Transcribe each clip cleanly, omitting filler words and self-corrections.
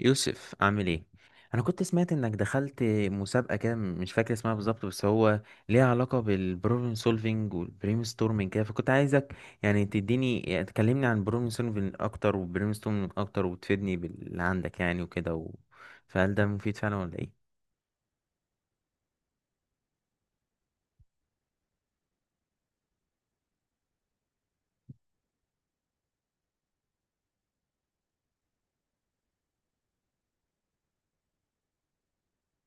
يوسف عامل ايه؟ انا كنت سمعت انك دخلت مسابقه كده، مش فاكر اسمها بالظبط، بس هو ليها علاقه بالبروبلم سولفينج والبرين ستورمينج كده. فكنت عايزك تديني، تكلمني عن البروبلم سولفينج اكتر والبرين ستورمينج اكتر، وتفيدني باللي عندك يعني وكده فهل ده مفيد فعلا ولا ايه؟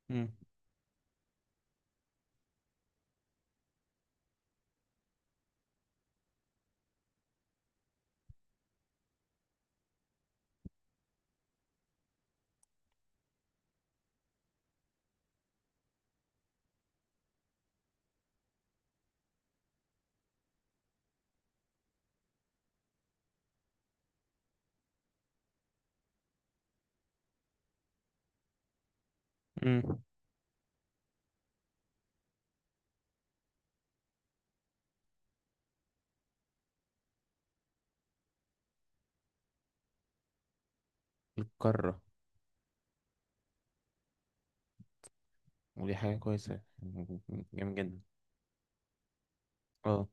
مم. مم. القاره. ودي حاجه كويسه. جامد جدا. اه.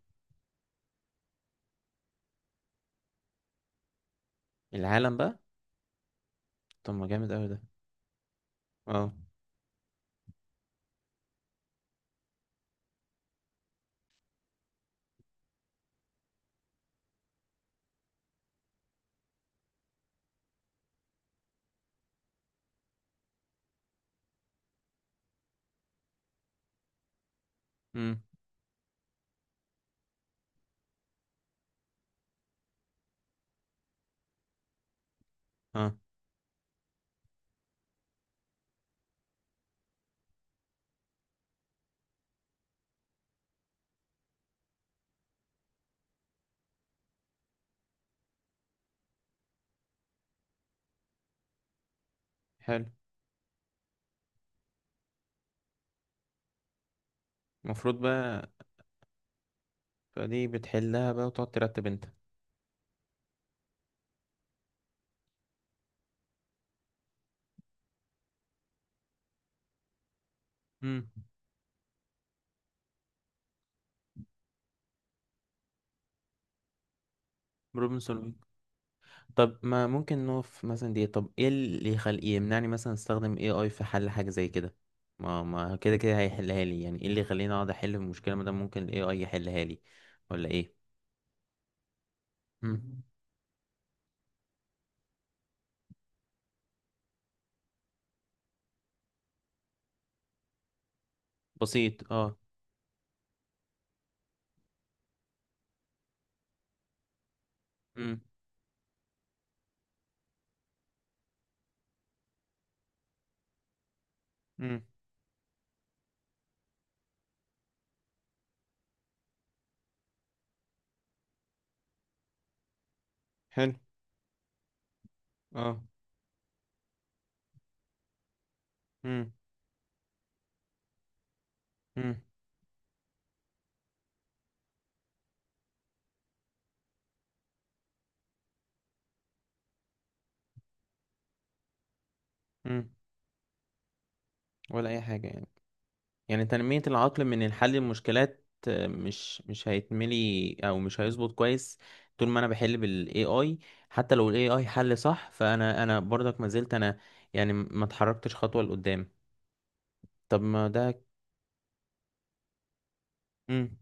العالم بقى. طب ما جامد قوي ده. اه. امم. اه. حلو. المفروض بقى. فدي بتحلها بقى وتقعد ترتب انت. امم. بروبلم سولفينج. طب ما ممكن نقف مثلا دي. طب ايه اللي يمنعني مثلا استخدم اي اي في حل حاجة زي كده؟ ما كده كده هيحلها لي، يعني ايه اللي يخليني اقعد احل في المشكلة ما دام ممكن الاي اي يحلها لي؟ ولا ايه؟ مم. بسيط اه. مم. مم. حلو اه. مم. مم. مم. ولا اي حاجة يعني؟ يعني تنمية العقل من الحل المشكلات، مش هيتملي او مش هيظبط كويس. طول ما انا بحل بالاي اي، حتى لو الاي اي حل صح، فانا برضك ما زلت انا، يعني ما اتحركتش خطوة لقدام. طب ما ده. امم.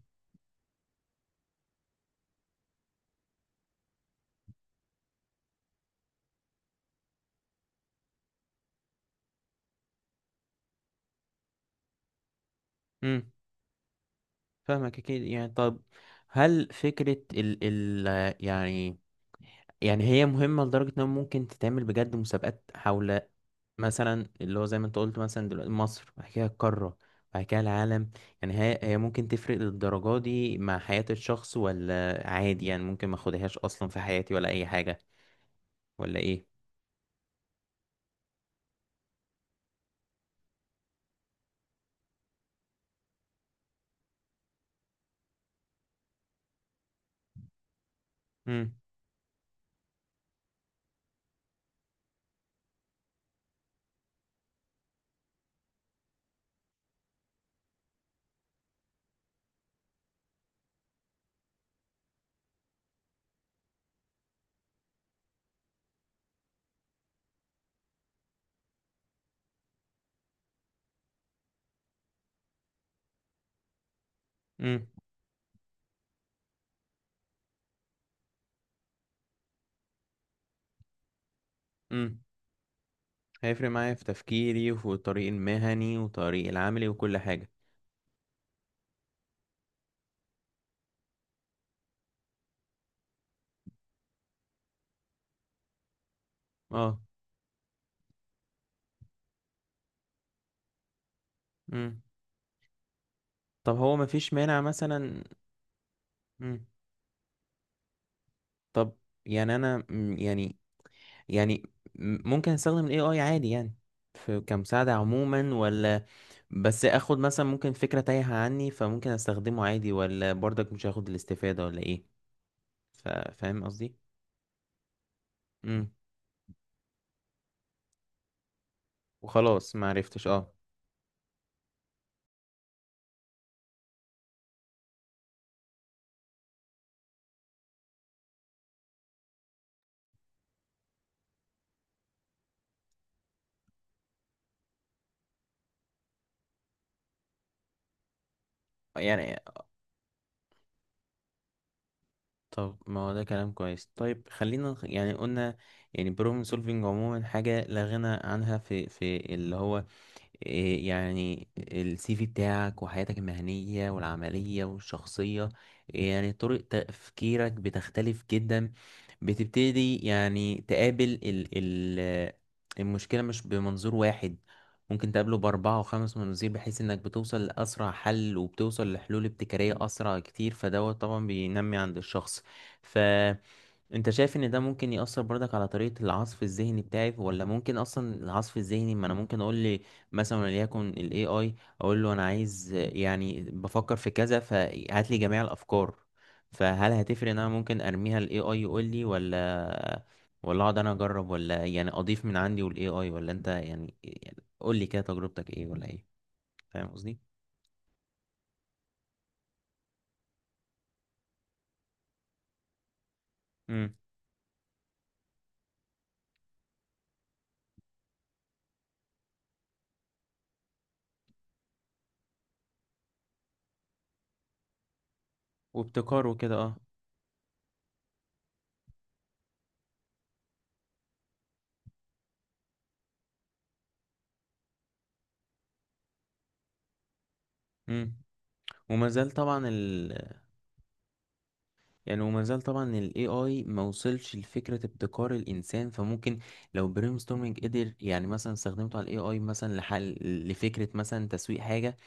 امم. فاهمك اكيد يعني. طب هل فكرة ال يعني يعني هي مهمة لدرجة انها ممكن تتعمل بجد مسابقات حول، مثلا اللي هو زي ما انت قلت، مثلا دلوقتي مصر بعد كده القارة بعد كده العالم؟ يعني هي ممكن تفرق للدرجة دي مع حياة الشخص، ولا عادي يعني ممكن ما اخدهاش اصلا في حياتي ولا اي حاجة؟ ولا ايه؟ امم. امم. امم. هيفرق معايا في تفكيري وفي الطريق المهني وطريق العملي وكل حاجة. اه. امم. طب هو مفيش مانع مثلا. امم. طب يعني انا يعني، يعني ممكن استخدم الاي اي عادي يعني، في كمساعدة عموما، ولا بس اخد مثلا ممكن فكرة تايهة عني فممكن استخدمه عادي، ولا برضك مش هاخد الاستفادة؟ ولا ايه؟ فاهم قصدي؟ امم. وخلاص ما عرفتش اه. يعني طب ما هو ده كلام كويس. طيب خلينا يعني قلنا يعني بروبلم سولفينج عموما حاجة لا غنى عنها في اللي هو إيه، يعني السي في بتاعك وحياتك المهنية والعملية والشخصية. يعني طرق تفكيرك بتختلف جدا، بتبتدي يعني تقابل ال المشكلة مش بمنظور واحد، ممكن تقابله بأربعة وخمس مناظير، بحيث إنك بتوصل لأسرع حل وبتوصل لحلول ابتكارية أسرع كتير، فدوت طبعا بينمي عند الشخص. ف انت شايف ان ده ممكن يأثر برضك على طريقة العصف الذهني بتاعي، ولا ممكن اصلا العصف الذهني، ما انا ممكن اقول لي مثلا وليكن ال AI، اقول له انا عايز، يعني بفكر في كذا فهات لي جميع الافكار؟ فهل هتفرق ان انا ممكن ارميها ال AI يقول لي؟ ولا، ولا اقعد انا اجرب، ولا يعني اضيف من عندي وال AI؟ ولا انت يعني قول لي كده تجربتك ايه؟ ولا ايه؟ فاهم قصدي؟ امم. وابتكار وكده اه. امم. وما زال طبعا ال، يعني وما زال طبعا ال AI ما وصلش لفكرة ابتكار الإنسان. فممكن لو brainstorming قدر، يعني مثلا استخدمته على ال AI مثلا لحل، لفكرة مثلا تسويق حاجة،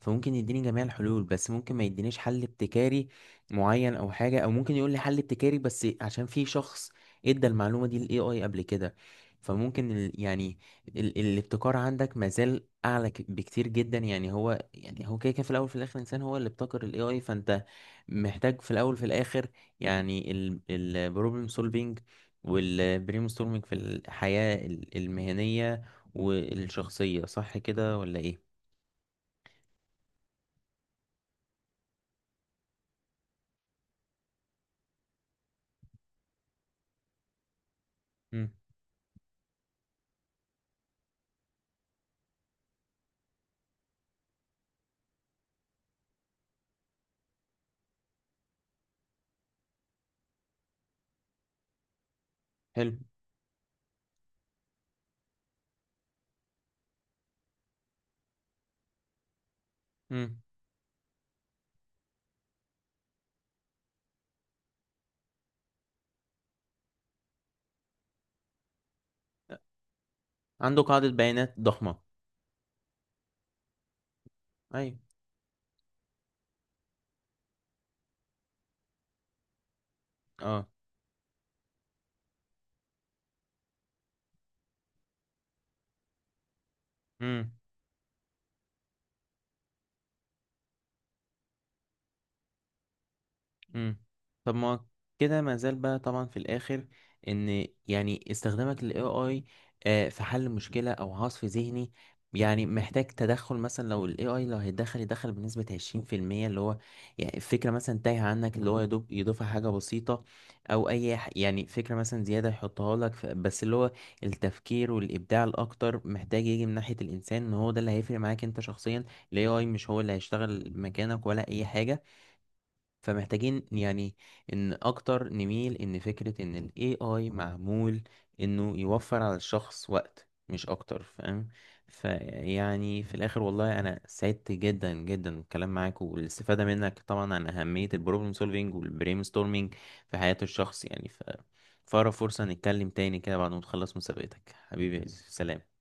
فممكن يديني جميع الحلول، بس ممكن ما يدينيش حل ابتكاري معين أو حاجة، أو ممكن يقول لي حل ابتكاري بس عشان في شخص ادى المعلومة دي لل AI قبل كده. فممكن الابتكار عندك ما زال أعلى بكتير جدا. يعني هو كده كده، في الأول وفي الآخر إنسان هو اللي ابتكر ال AI، فأنت محتاج في الاول في الاخر يعني البروبلم سولفينج والبرين ستورمينج في الحياة المهنية والشخصية. صح كده ولا ايه؟ مم. حلو. مم. عنده قاعدة بيانات ضخمة. ايوه. اه. مم. مم. طب ما كده ما زال بقى طبعا في الاخر، ان يعني استخدامك لل AI، في حل مشكلة او عصف ذهني، يعني محتاج تدخل. مثلا لو ال AI لو هيتدخل، يدخل بنسبة 20%، اللي هو يعني الفكرة مثلا تايهة عنك اللي هو يدوب يضيفها حاجة بسيطة، او اي يعني فكرة مثلا زيادة يحطها لك، بس اللي هو التفكير والابداع الاكتر محتاج يجي من ناحية الانسان، ان هو ده اللي هيفرق معاك انت شخصيا. ال AI مش هو اللي هيشتغل مكانك ولا اي حاجة. فمحتاجين يعني ان اكتر نميل ان فكرة ان ال AI معمول انه يوفر على الشخص وقت، مش اكتر. فاهم؟ فيعني في الاخر، والله انا سعدت جدا جدا بالكلام معاك والاستفادة منك طبعا عن اهمية البروبلم سولفينج والبرين ستورمينج في حياة الشخص يعني. ف فأقرب فرصة نتكلم تاني كده بعد ما تخلص مسابقتك. حبيبي سلام.